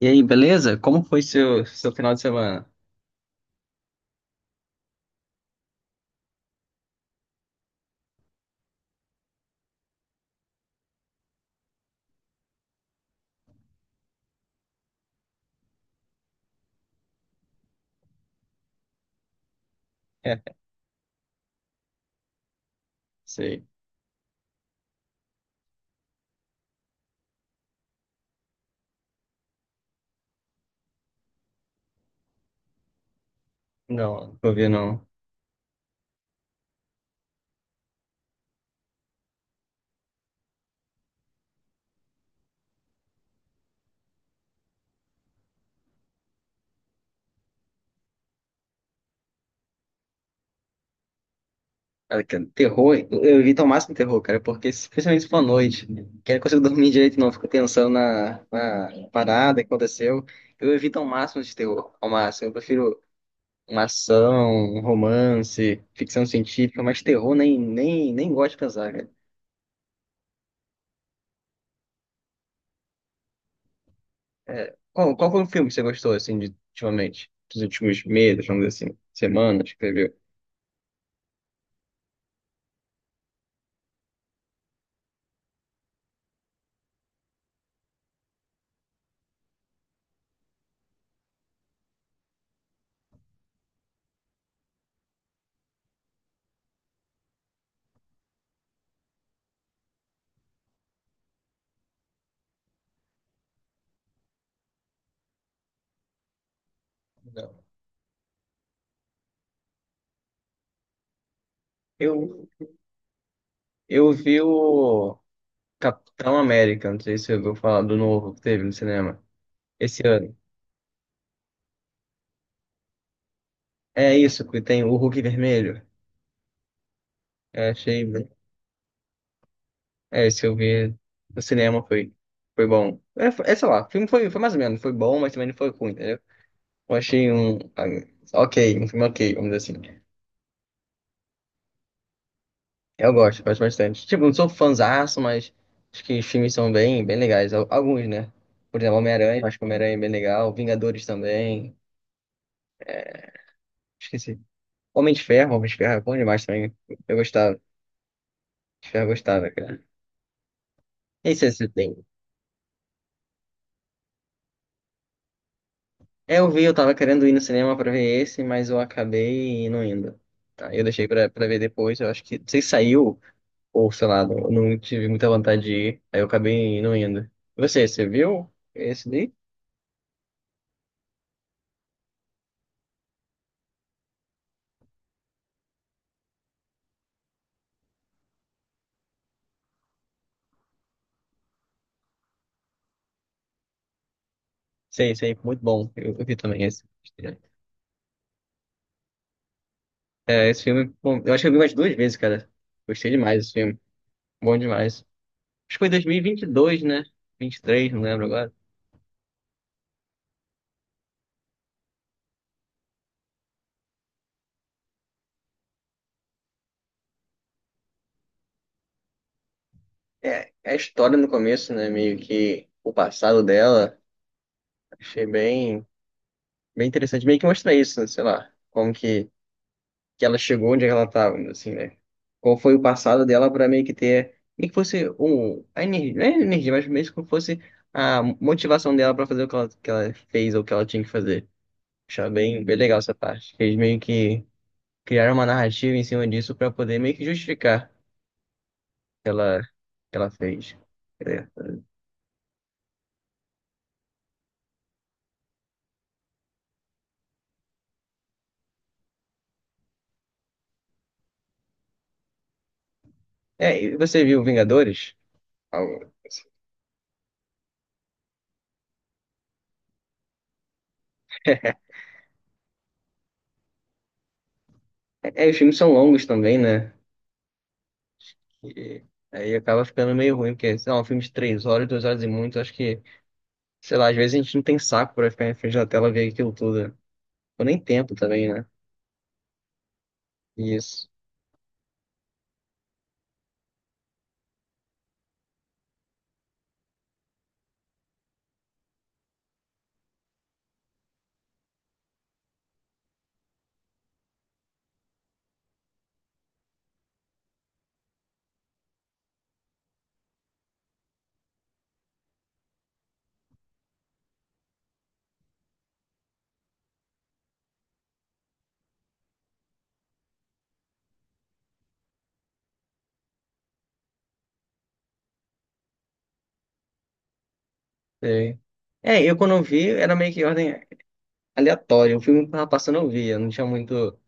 E aí, beleza? Como foi seu final de semana? É, sei. Não, não vou não. Cara, terror, eu evito ao máximo terror, cara, porque especialmente se for à noite, né? Que eu não consigo dormir direito, não, fico pensando na parada que aconteceu. Eu evito ao máximo de terror, ao máximo. Eu prefiro uma ação, um romance, ficção científica, mas terror nem gosto de pensar, cara. É, qual foi o filme que você gostou, assim, de, ultimamente? Dos últimos meses, vamos dizer assim, semanas que você viu? Não. Eu Eu vi o Capitão América, não sei se você ouviu falar do novo que teve no cinema esse ano. É isso, que tem o Hulk vermelho. É, achei É, esse eu vi no cinema foi, foi bom. É, é, sei lá, o filme foi, mais ou menos, foi bom, mas também não foi ruim, entendeu? Eu achei um. Ok, um filme ok, vamos dizer assim. Eu gosto bastante. Tipo, não sou fãzaço, mas acho que os filmes são bem, bem legais. Alguns, né? Por exemplo, Homem-Aranha, acho que Homem-Aranha é bem legal. Vingadores também. Esqueci. Homem de Ferro é bom demais também. Eu gostava, de Ferro eu gostava, cara. Esse é tem. É, eu vi, eu tava querendo ir no cinema pra ver esse, mas eu acabei não indo. Tá, eu deixei pra ver depois, eu acho que, não sei se saiu, ou sei lá, não, não tive muita vontade de ir, aí eu acabei não indo. E você viu esse daí? Sei, sei, muito bom. Eu vi também esse. É, esse filme, bom, eu acho que eu vi umas duas vezes, cara. Gostei demais desse filme. Bom demais. Acho que foi em 2022, né? 23, não lembro agora. É, é a história no começo, né? Meio que o passado dela, achei bem, bem interessante. Meio que mostra isso, né, sei lá, como que ela chegou onde ela estava, assim, né? Qual foi o passado dela para meio que ter, meio que fosse um, a energia, não é energia, mas meio que como fosse a motivação dela para fazer o que ela fez ou o que ela tinha que fazer. Achei bem, bem legal essa parte. Eles meio que criaram uma narrativa em cima disso para poder meio que justificar o que ela fez. É, e você viu Vingadores? É, é, os filmes são longos também, né? E aí acaba ficando meio ruim, porque, sei lá, um filme de três horas, duas horas e muito, acho que, sei lá, às vezes a gente não tem saco pra ficar em frente da tela ver aquilo tudo. Né? Ou nem tempo também, né? Isso. Sei. É, eu quando eu vi, era meio que ordem aleatória. O filme que tava passando eu via, não tinha muito,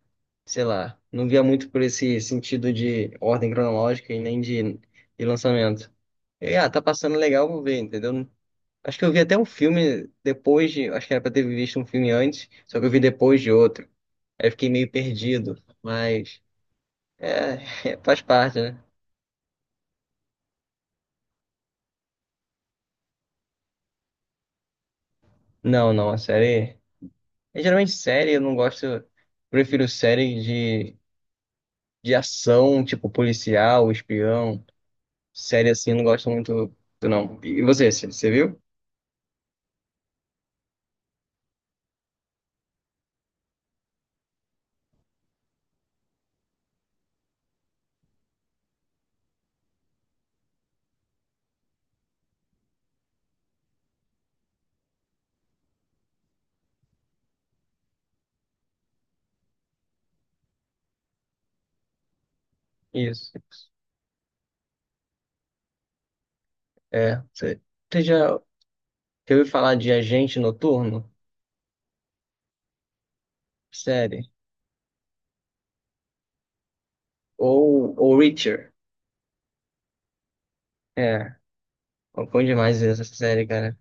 sei lá, não via muito por esse sentido de ordem cronológica e nem de lançamento. E, tá passando legal, vou ver, entendeu? Acho que eu vi até um filme depois de. Acho que era pra ter visto um filme antes, só que eu vi depois de outro. Aí eu fiquei meio perdido, mas. É, faz parte, né? Não, não, a série. É, geralmente série eu não gosto. Eu prefiro série de, ação, tipo policial, espião. Série assim, eu não gosto muito, não. E você, você viu? Isso. É, você já ouviu falar de Agente Noturno? Série. Ou Reacher. É. Pô, bom demais essa série, cara.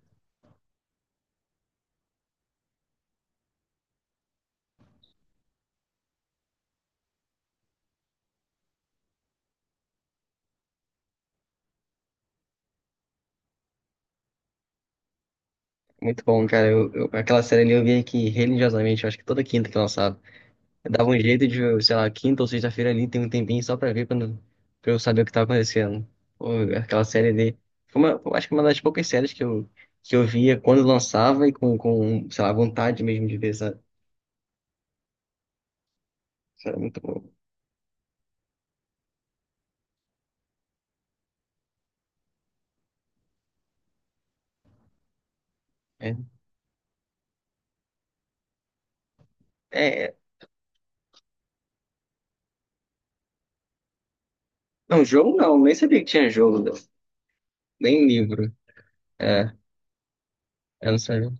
Muito bom, cara. Aquela série ali eu via que religiosamente, eu acho que toda quinta que lançava. Eu dava um jeito de, sei lá, quinta ou sexta-feira ali, tem um tempinho só pra ver, pra, não- pra eu saber o que tava acontecendo. Pô, aquela série ali. Foi uma, eu acho que uma das poucas séries que eu, via quando lançava e com, sei lá, vontade mesmo de ver, sabe? Isso era muito bom. É. É, não, jogo não, nem sabia que tinha jogo, nem livro. É, eu não sabia.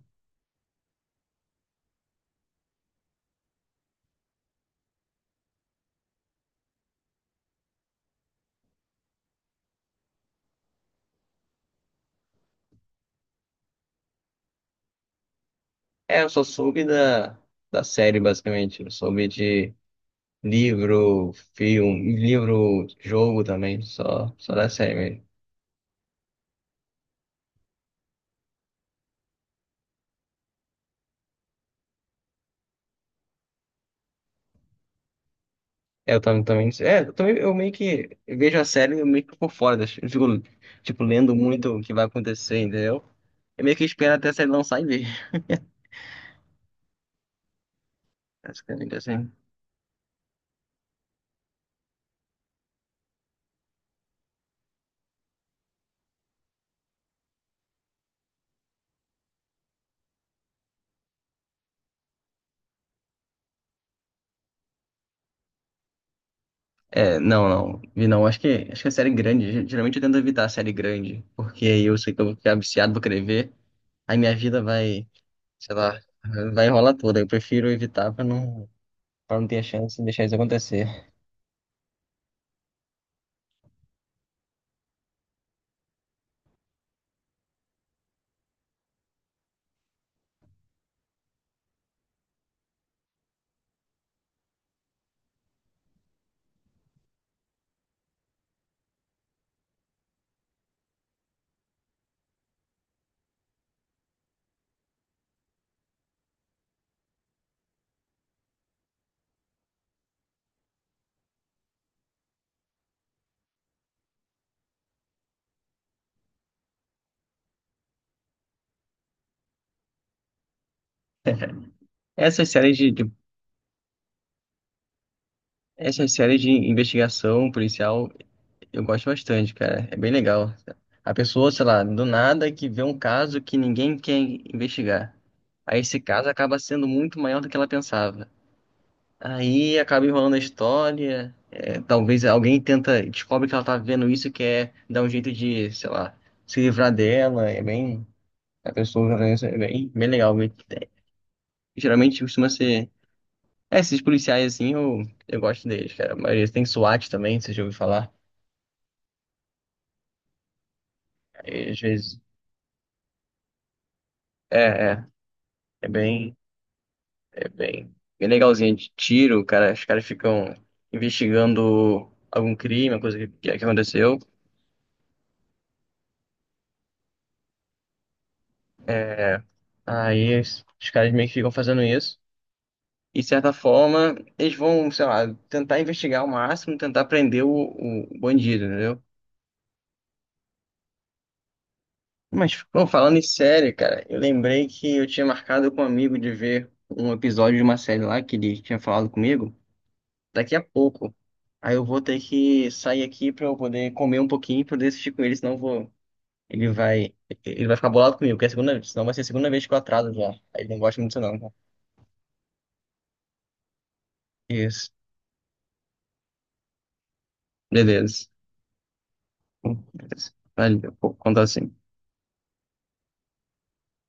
É, eu só soube da série, basicamente. Eu soube de. Livro, filme, livro, jogo também, só da série mesmo. É, Eu também, também, é, eu também, eu meio que vejo a série eu meio que por fora, eu fico, tipo, lendo muito o que vai acontecer, entendeu? Eu meio que espero até a série lançar e ver, basicamente assim. É, não, não, vi não, acho que, a série é grande, geralmente eu tento evitar a série grande, porque aí eu sei que eu vou ficar viciado, vou querer ver, aí minha vida vai, sei lá, vai enrolar toda, eu prefiro evitar pra não ter a chance de deixar isso acontecer. Essas séries de, de Essas séries de investigação policial eu gosto bastante, cara. É bem legal. A pessoa, sei lá, do nada que vê um caso que ninguém quer investigar. Aí esse caso acaba sendo muito maior do que ela pensava. Aí acaba enrolando a história. Talvez alguém tenta, descobre que ela tá vendo isso e quer dar um jeito de, sei lá, se livrar dela. É bem. A pessoa né, isso é bem, bem legal. Geralmente costuma ser. É, esses policiais assim, eu gosto deles, cara. A maioria tem SWAT também, você já ouviu falar? E às vezes, é, é, é bem, é bem legalzinho de tiro, cara, os caras ficam investigando algum crime, uma coisa que aconteceu. É, Aí os caras meio que ficam fazendo isso. E de certa forma, eles vão, sei lá, tentar investigar ao máximo, tentar prender o bandido, entendeu? Mas, bom, falando em série, cara, eu lembrei que eu tinha marcado com um amigo de ver um episódio de uma série lá que ele tinha falado comigo. Daqui a pouco. Aí eu vou ter que sair aqui pra eu poder comer um pouquinho e poder assistir com ele, senão eu vou. Ele vai. Ele vai ficar bolado comigo, porque é a segunda vez. Senão vai ser a segunda vez que eu atraso já. Aí ele não gosta muito disso, não. Isso. Beleza. Beleza. Valeu. Vou contar assim.